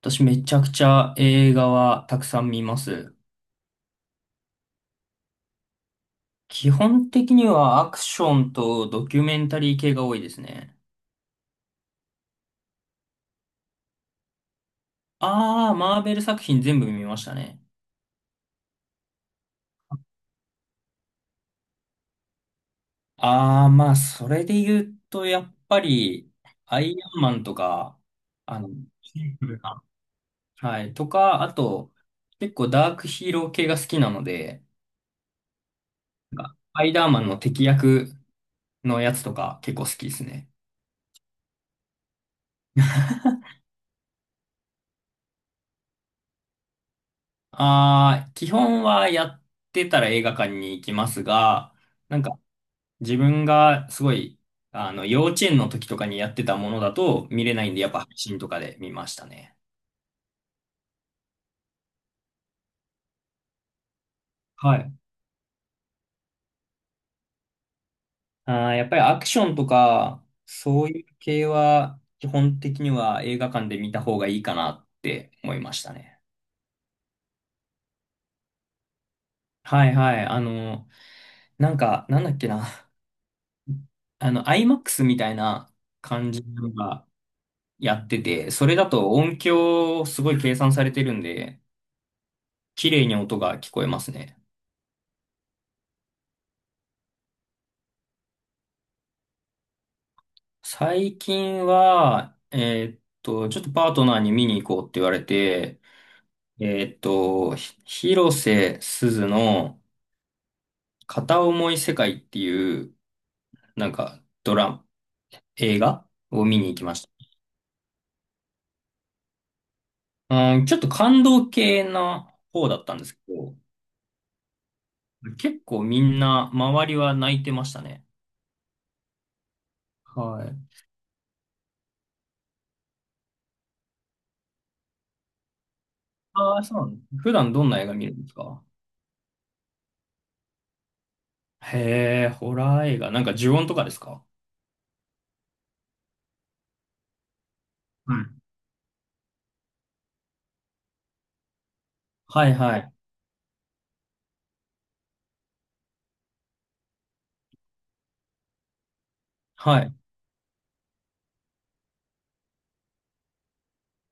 私めちゃくちゃ映画はたくさん見ます。基本的にはアクションとドキュメンタリー系が多いですね。ああ、マーベル作品全部見ましたね。ああ、まあ、それで言うと、やっぱり、アイアンマンとか、あの、シンプルな、はい、とか、あと、結構ダークヒーロー系が好きなので、なんかスパイダーマンの敵役のやつとか結構好きですね。ああ、基本はやってたら映画館に行きますが、なんか自分がすごい、幼稚園の時とかにやってたものだと見れないんで、やっぱ配信とかで見ましたね。はい。ああ、やっぱりアクションとか、そういう系は基本的には映画館で見た方がいいかなって思いましたね。はいはい。なんだっけな。あの、IMAX みたいな感じのがやってて、それだと音響すごい計算されてるんで、綺麗に音が聞こえますね。最近は、ちょっとパートナーに見に行こうって言われて、広瀬すずの片思い世界っていう、なんかドラマ、映画を見に行きました。うん、ちょっと感動系な方だったんですけど、結構みんな周りは泣いてましたね。はい。ああ、そうなんです。普段どんな映画見るんですか？へえ、ホラー映画。なんか呪音とかですか？はい。うん、はいはい。はい。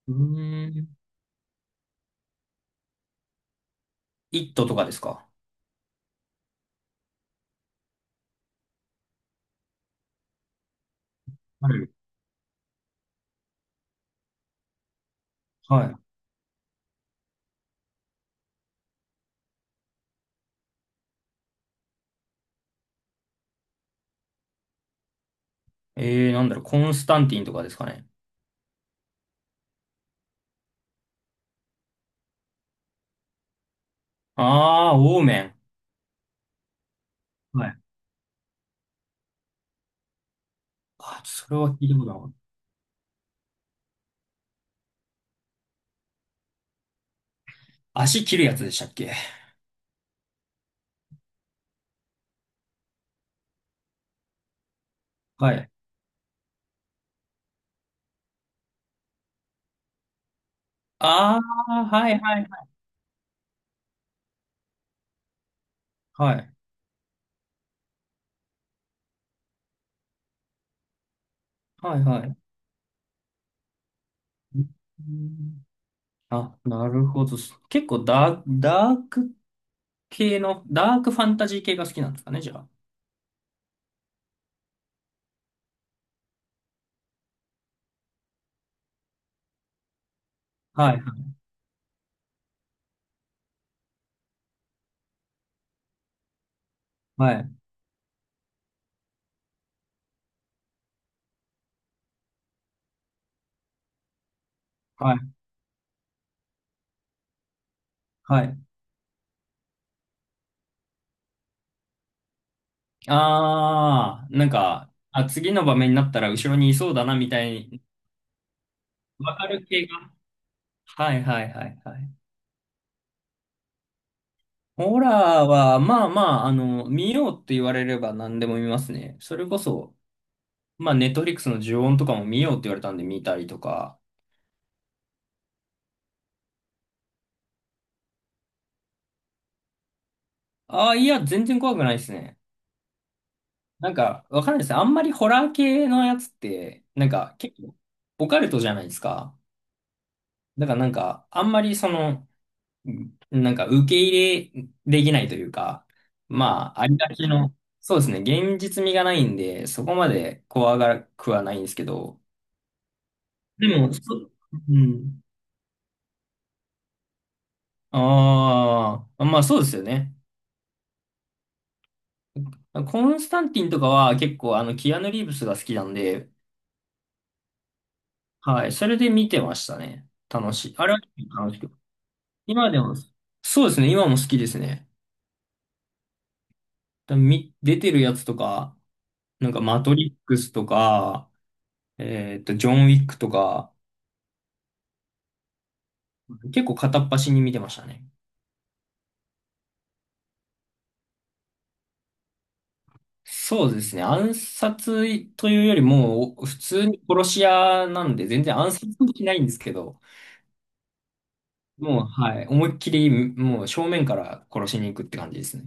うーん。イットとかですか？はい。はい。えー、なんだろう、コンスタンティンとかですかね。あー、オーメン。はい。あ、それは聞いたことなかった。足切るやつでしたっけ？はい。あー、はいはいはい。はいはいはい。うーん、あ、なるほど。結構ダーク系の、ダークファンタジー系が好きなんですかね、じゃあ。はいはいはいはい。ああ、なんか、あ、次の場面になったら後ろにいそうだな、みたいに、わかる系が。はいはいはいはい。ホラーは、まあまあ、見ようって言われれば何でも見ますね。それこそ、まあ、ネットフリックスの呪怨とかも見ようって言われたんで見たりとか。ああ、いや、全然怖くないですね。なんか、わかんないですね。あんまりホラー系のやつって、なんか、結構、オカルトじゃないですか。だからなんか、あんまりその、なんか受け入れできないというか、まあ、ありがちの、そうですね、現実味がないんで、そこまで怖がらくはないんですけど、でも、そ、うん。ああ、まあそうですよね。コンスタンティンとかは結構あの、キアヌ・リーブスが好きなんで、はい、それで見てましたね。楽しい。あれは楽しく。今でも、そうですね、今も好きですね。み出てるやつとか、なんかマトリックスとか、えっと、ジョン・ウィックとか、結構片っ端に見てましたね。そうですね。暗殺というよりも、普通に殺し屋なんで、全然暗殺もしないんですけど、もう、はい。思いっきり、もう正面から殺しに行くって感じですね。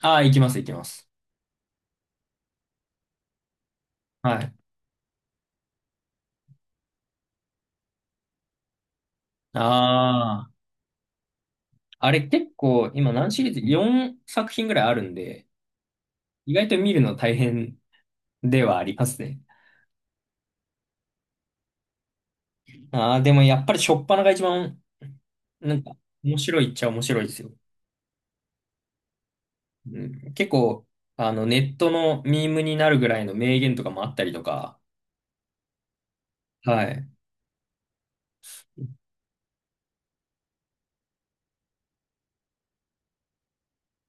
ああ、行きます、行きます。はい。ああ、あれ結構、今何シリーズ？ 4 作品ぐらいあるんで、意外と見るの大変ではありますね。ああ、でもやっぱり初っ端が一番、なんか、面白いっちゃ面白いですよ。うん、結構、あの、ネットのミームになるぐらいの名言とかもあったりとか、はい。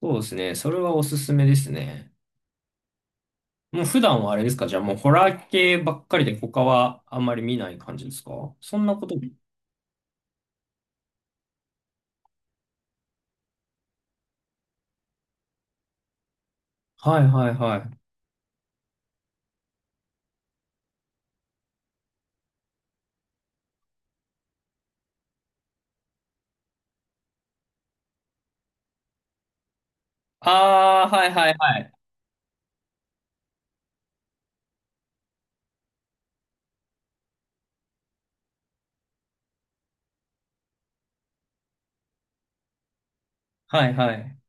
そうですね。それはおすすめですね。もう普段はあれですか、じゃあもうホラー系ばっかりで他はあんまり見ない感じですか、そんなこと。はいはいはい。ああ、はいはいはい。はいはい。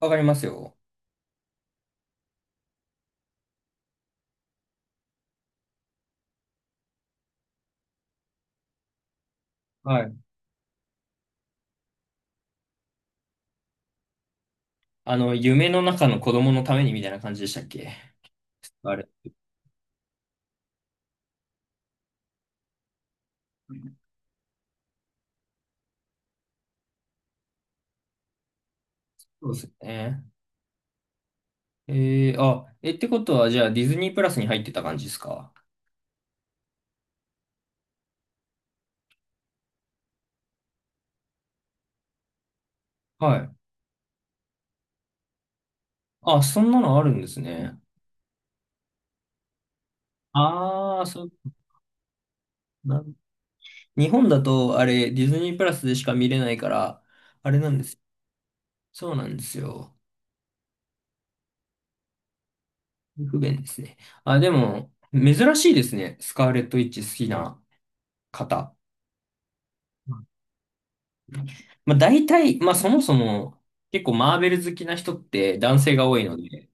わかりますよ。はい。あの、夢の中の子供のためにみたいな感じでしたっけ？あれ。そうですよね。えー、ってことはじゃあディズニープラスに入ってた感じですか？はい。あ、そんなのあるんですね。ああ、そう、なる、日本だと、あれ、ディズニープラスでしか見れないから、あれなんです。そうなんですよ。不便ですね。あ、でも、珍しいですね。スカーレット・ウィッチ好きな方。まあ、大体、まあ、そもそも、結構マーベル好きな人って男性が多いので、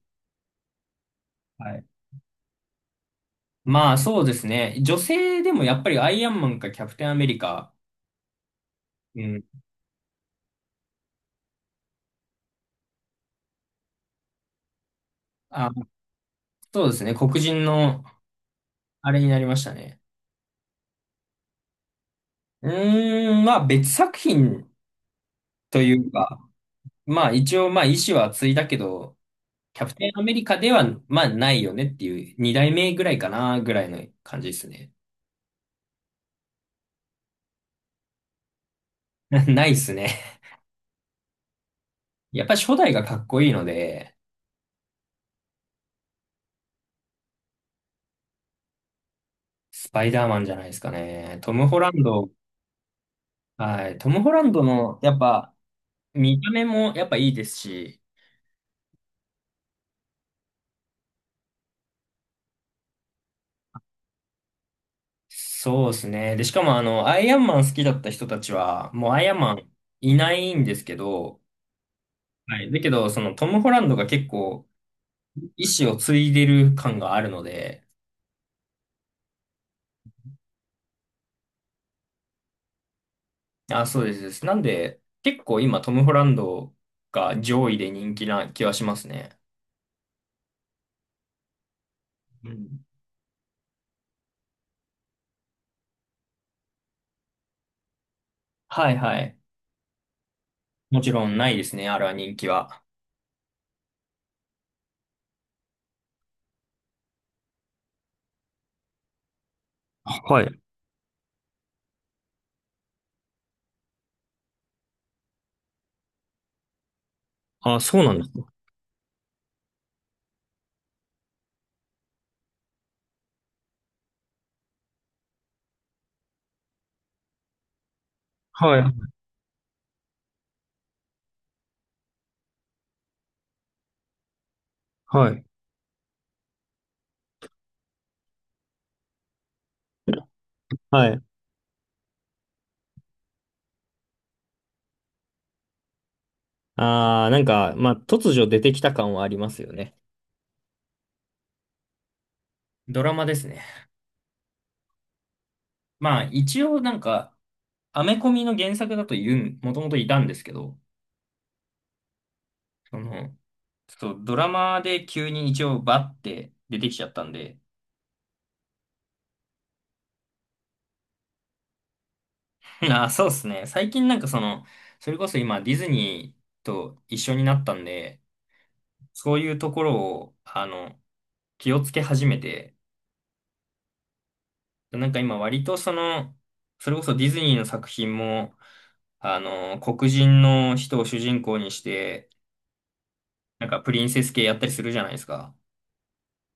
はい。まあ、そうですね。女性でもやっぱりアイアンマンかキャプテンアメリカ、うん。あ、そうですね。黒人の、あれになりましたね。うーん、まあ別作品というか、まあ一応まあ意志は継いだけど、キャプテンアメリカではまあないよねっていう二代目ぐらいかなぐらいの感じですね。ないっすね。やっぱ初代がかっこいいので、スパイダーマンじゃないですかね。トム・ホランド、はい、トム・ホランドのやっぱ見た目もやっぱいいですし、そうですね。で、しかもあの、アイアンマン好きだった人たちは、もうアイアンマンいないんですけど、はい。だけど、そのトム・ホランドが結構、意志を継いでる感があるので、あ、そうですです。なんで、結構今トム・ホランドが上位で人気な気はしますね。うん。はいはい。もちろんないですね、あれは人気は。はい。あ、そうなんですね。はい。はい。はい。ああ、なんか、まあ、突如出てきた感はありますよね。ドラマですね。まあ一応なんか、アメコミの原作だと言う、もともといたんですけど、その、ちょっとドラマで急に一応バッて出てきちゃったんで。あ、そうですね。最近なんかその、それこそ今ディズニーと一緒になったんで、そういうところを、あの、気をつけ始めて、なんか今割とその、それこそディズニーの作品も、あの、黒人の人を主人公にして、なんかプリンセス系やったりするじゃないですか。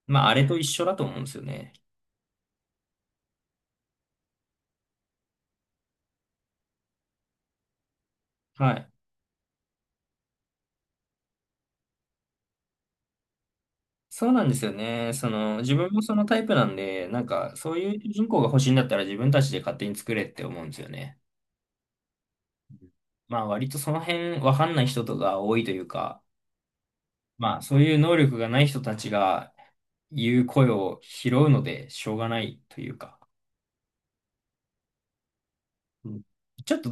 まああれと一緒だと思うんですよね。はい。そうなんですよね。その、自分もそのタイプなんで、なんか、そういう主人公が欲しいんだったら自分たちで勝手に作れって思うんですよね。まあ、割とその辺わかんない人とか多いというか、まあ、そういう能力がない人たちが言う声を拾うので、しょうがないというか。うん、ちょっと